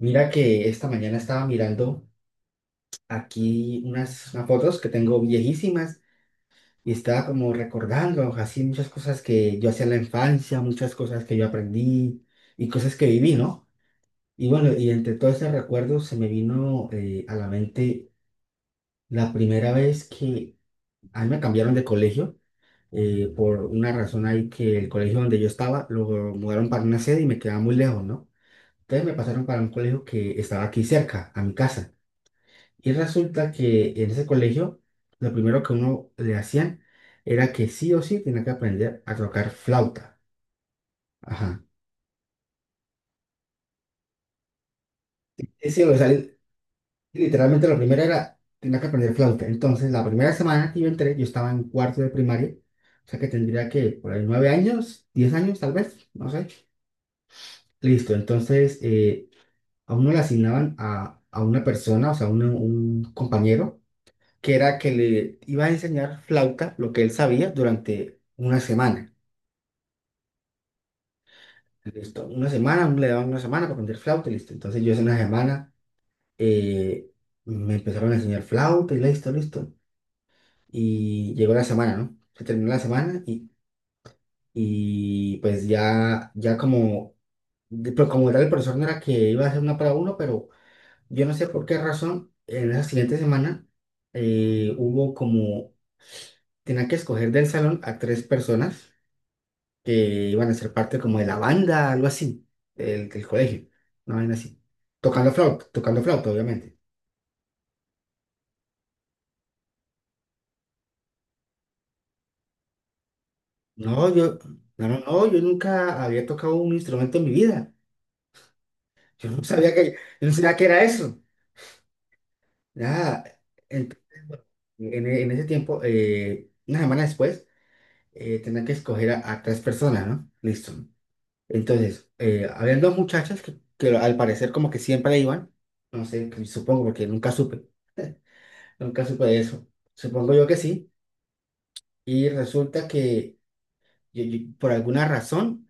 Mira que esta mañana estaba mirando aquí unas fotos que tengo viejísimas y estaba como recordando así muchas cosas que yo hacía en la infancia, muchas cosas que yo aprendí y cosas que viví, ¿no? Y bueno, y entre todos esos recuerdos se me vino a la mente la primera vez que a mí me cambiaron de colegio por una razón ahí que el colegio donde yo estaba lo mudaron para una sede y me quedaba muy lejos, ¿no? Entonces me pasaron para un colegio que estaba aquí cerca, a mi casa. Y resulta que en ese colegio, lo primero que uno le hacían era que sí o sí tenía que aprender a tocar flauta. Ajá. Y sí, o sea, literalmente la primera era, tenía que aprender flauta. Entonces, la primera semana que yo entré, yo estaba en cuarto de primaria, o sea que tendría que, por ahí, 9 años, 10 años tal vez, no sé. Listo, entonces a uno le asignaban a una persona, o sea, un compañero, que era que le iba a enseñar flauta, lo que él sabía, durante una semana. Listo, una semana, le daban una semana para aprender flauta, y listo. Entonces yo hace una semana eh, me empezaron a enseñar flauta y listo, listo. Y llegó la semana, ¿no? Se terminó la semana y pues ya como, pero como tal el profesor no era que iba a hacer una para uno, pero yo no sé por qué razón, en la siguiente semana hubo como, tenía que escoger del salón a tres personas que iban a ser parte como de la banda, algo así, del colegio, una vaina así. Tocando flauta, obviamente. No, no, no, no, yo nunca había tocado un instrumento en mi vida. Yo no sabía que, yo no sabía que era eso. Nada. Entonces, bueno, en ese tiempo, una semana después, tenía que escoger a tres personas, ¿no? Listo. Entonces, habían dos muchachas que al parecer como que siempre iban, no sé, que supongo porque nunca supe. Nunca supe de eso. Supongo yo que sí. Y resulta que por alguna razón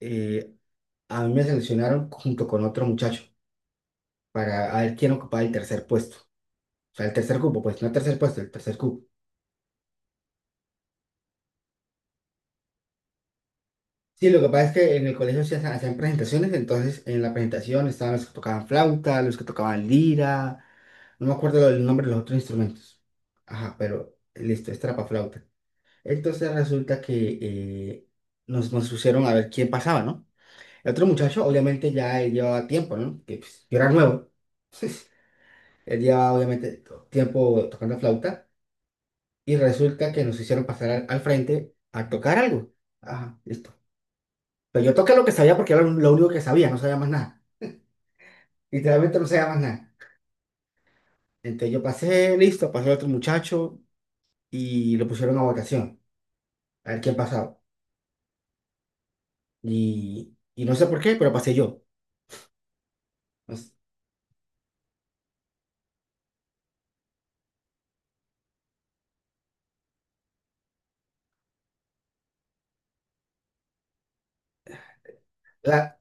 eh, a mí me seleccionaron junto con otro muchacho para a ver quién ocupaba el tercer puesto. O sea, el tercer cupo, pues no el tercer puesto, el tercer cupo. Sí, lo que pasa es que en el colegio se hacían presentaciones, entonces en la presentación estaban los que tocaban flauta, los que tocaban lira, no me acuerdo el nombre de los otros instrumentos. Ajá, pero listo, es trapa flauta. Entonces resulta que nos pusieron a ver quién pasaba, ¿no? El otro muchacho, obviamente, ya él llevaba tiempo, ¿no? Que pues, yo era nuevo. Él llevaba, obviamente, tiempo tocando flauta. Y resulta que nos hicieron pasar al frente a tocar algo. Ajá, listo. Pero yo toqué lo que sabía porque era lo único que sabía, no sabía más nada. Literalmente no sabía más nada. Entonces yo pasé, listo, pasó el otro muchacho y lo pusieron a votación. A ver quién pasaba. Y no sé por qué, pero pasé yo. Pues, la-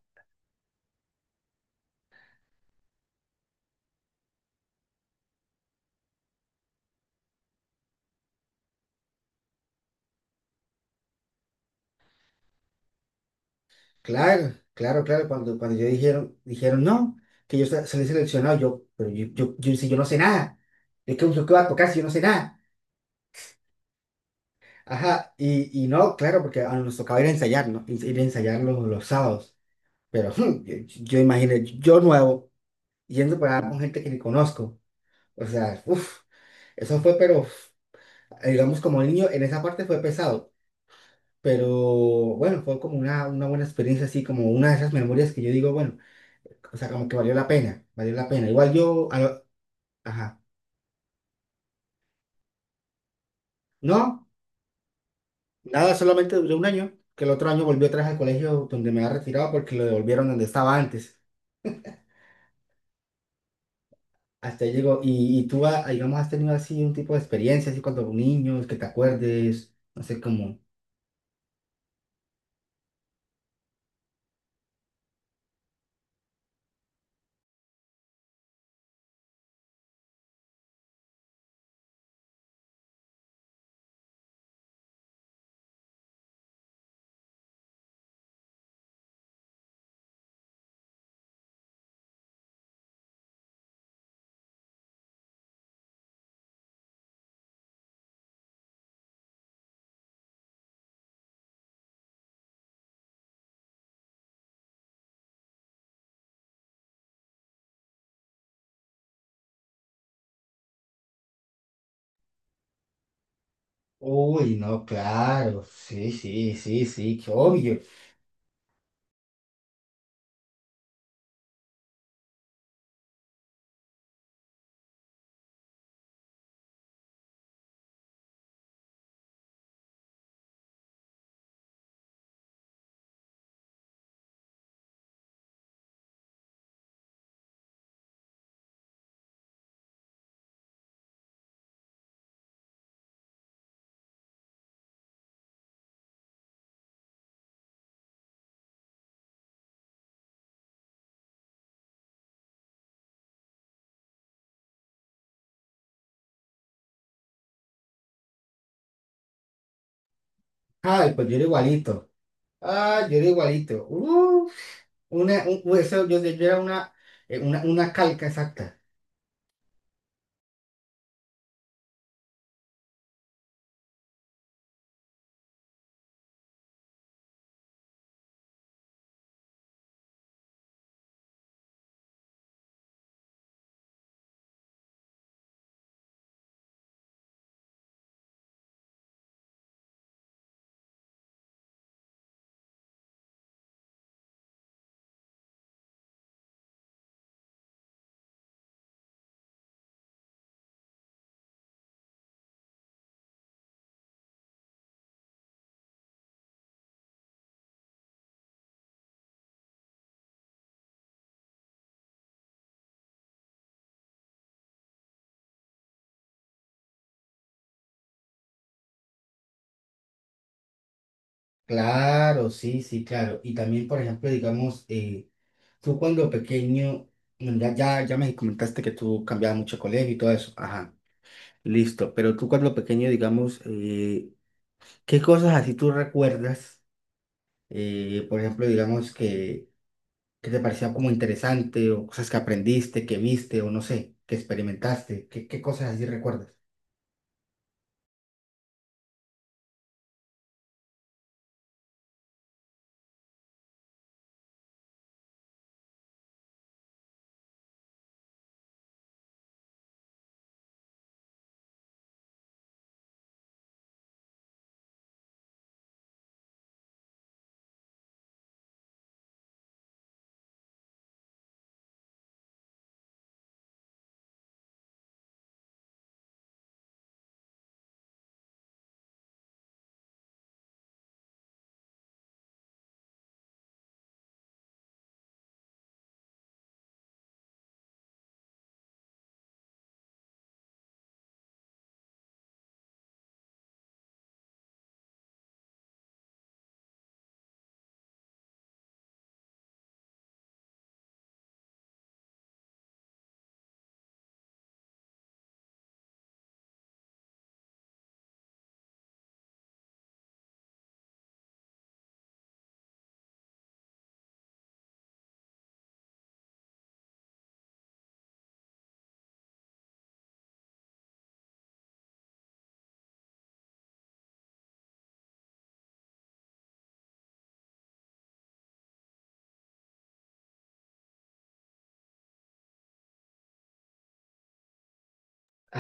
claro, claro, claro. Cuando yo dijeron no, que yo salí seleccionado, yo, pero yo, si yo no sé nada. Es que usted qué va a tocar si yo no sé nada. Ajá, y no, claro, porque nos tocaba ir a ensayar, ¿no? Ir a ensayar los sábados. Pero yo imaginé, yo nuevo, yendo para allá con gente que ni conozco. O sea, uff, eso fue, pero uf, digamos, como niño, en esa parte fue pesado. Pero bueno, fue como una buena experiencia, así como una de esas memorias que yo digo, bueno. O sea, como que valió la pena, valió la pena. Igual yo, ajá, no, nada, solamente duré un año, que el otro año volví otra vez al colegio donde me había retirado porque lo devolvieron donde estaba antes. Hasta ahí llegó, y tú, ah, digamos, has tenido así un tipo de experiencia, así cuando niños, que te acuerdes, no sé cómo. Uy, no, claro, sí, sí, sí, sí, qué obvio. Ay, pues yo era igualito. Ah, yo era igualito. Uf, yo era una calca exacta. Claro, sí, sí, claro. Y también, por ejemplo, digamos, tú cuando pequeño, bueno, ya me comentaste que tú cambiabas mucho de colegio y todo eso. Ajá, listo. Pero tú cuando pequeño, digamos, ¿qué cosas así tú recuerdas? Por ejemplo, digamos, que te parecía como interesante o cosas que aprendiste, que viste o no sé, que experimentaste. ¿Qué cosas así recuerdas?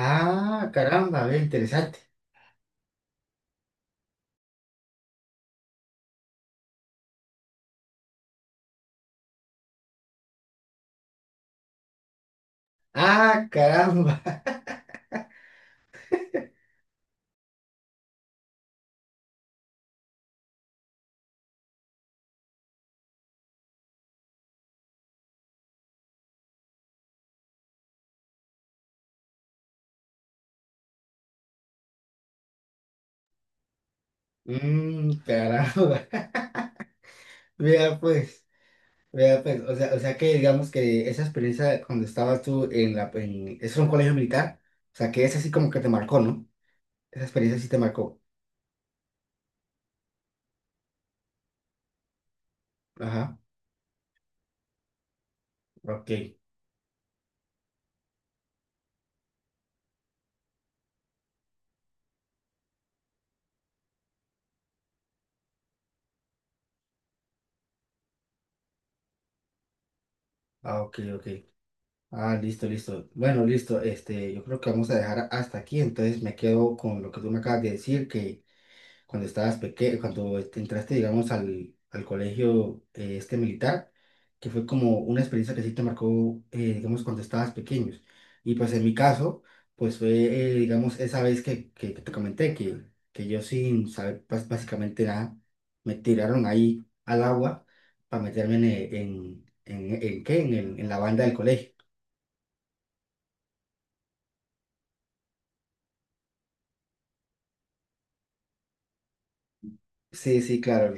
Ah, caramba, ve, interesante. Ah, caramba. Mmm, caramba. Vea pues. Vea, pues, o sea que digamos que esa experiencia cuando estabas tú eso es un colegio militar, o sea que esa sí como que te marcó, ¿no? Esa experiencia sí te marcó. Ajá, ok, ah, ok, ok. Ah, listo, listo. Bueno, listo, este, yo creo que vamos a dejar hasta aquí, entonces me quedo con lo que tú me acabas de decir, que cuando estabas pequeño, cuando este, entraste, digamos, al colegio este militar, que fue como una experiencia que sí te marcó, digamos, cuando estabas pequeños. Y pues en mi caso, pues fue, digamos, esa vez que, te comenté que yo sin saber básicamente nada, me tiraron ahí al agua para meterme eh, en, en, ¿qué? En, el- en la banda del colegio. Sí, sí, claro.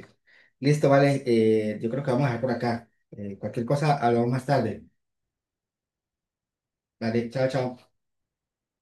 Listo, vale. Yo creo que vamos a dejar por acá. Cualquier cosa, hablamos más tarde. Vale, chao, chao.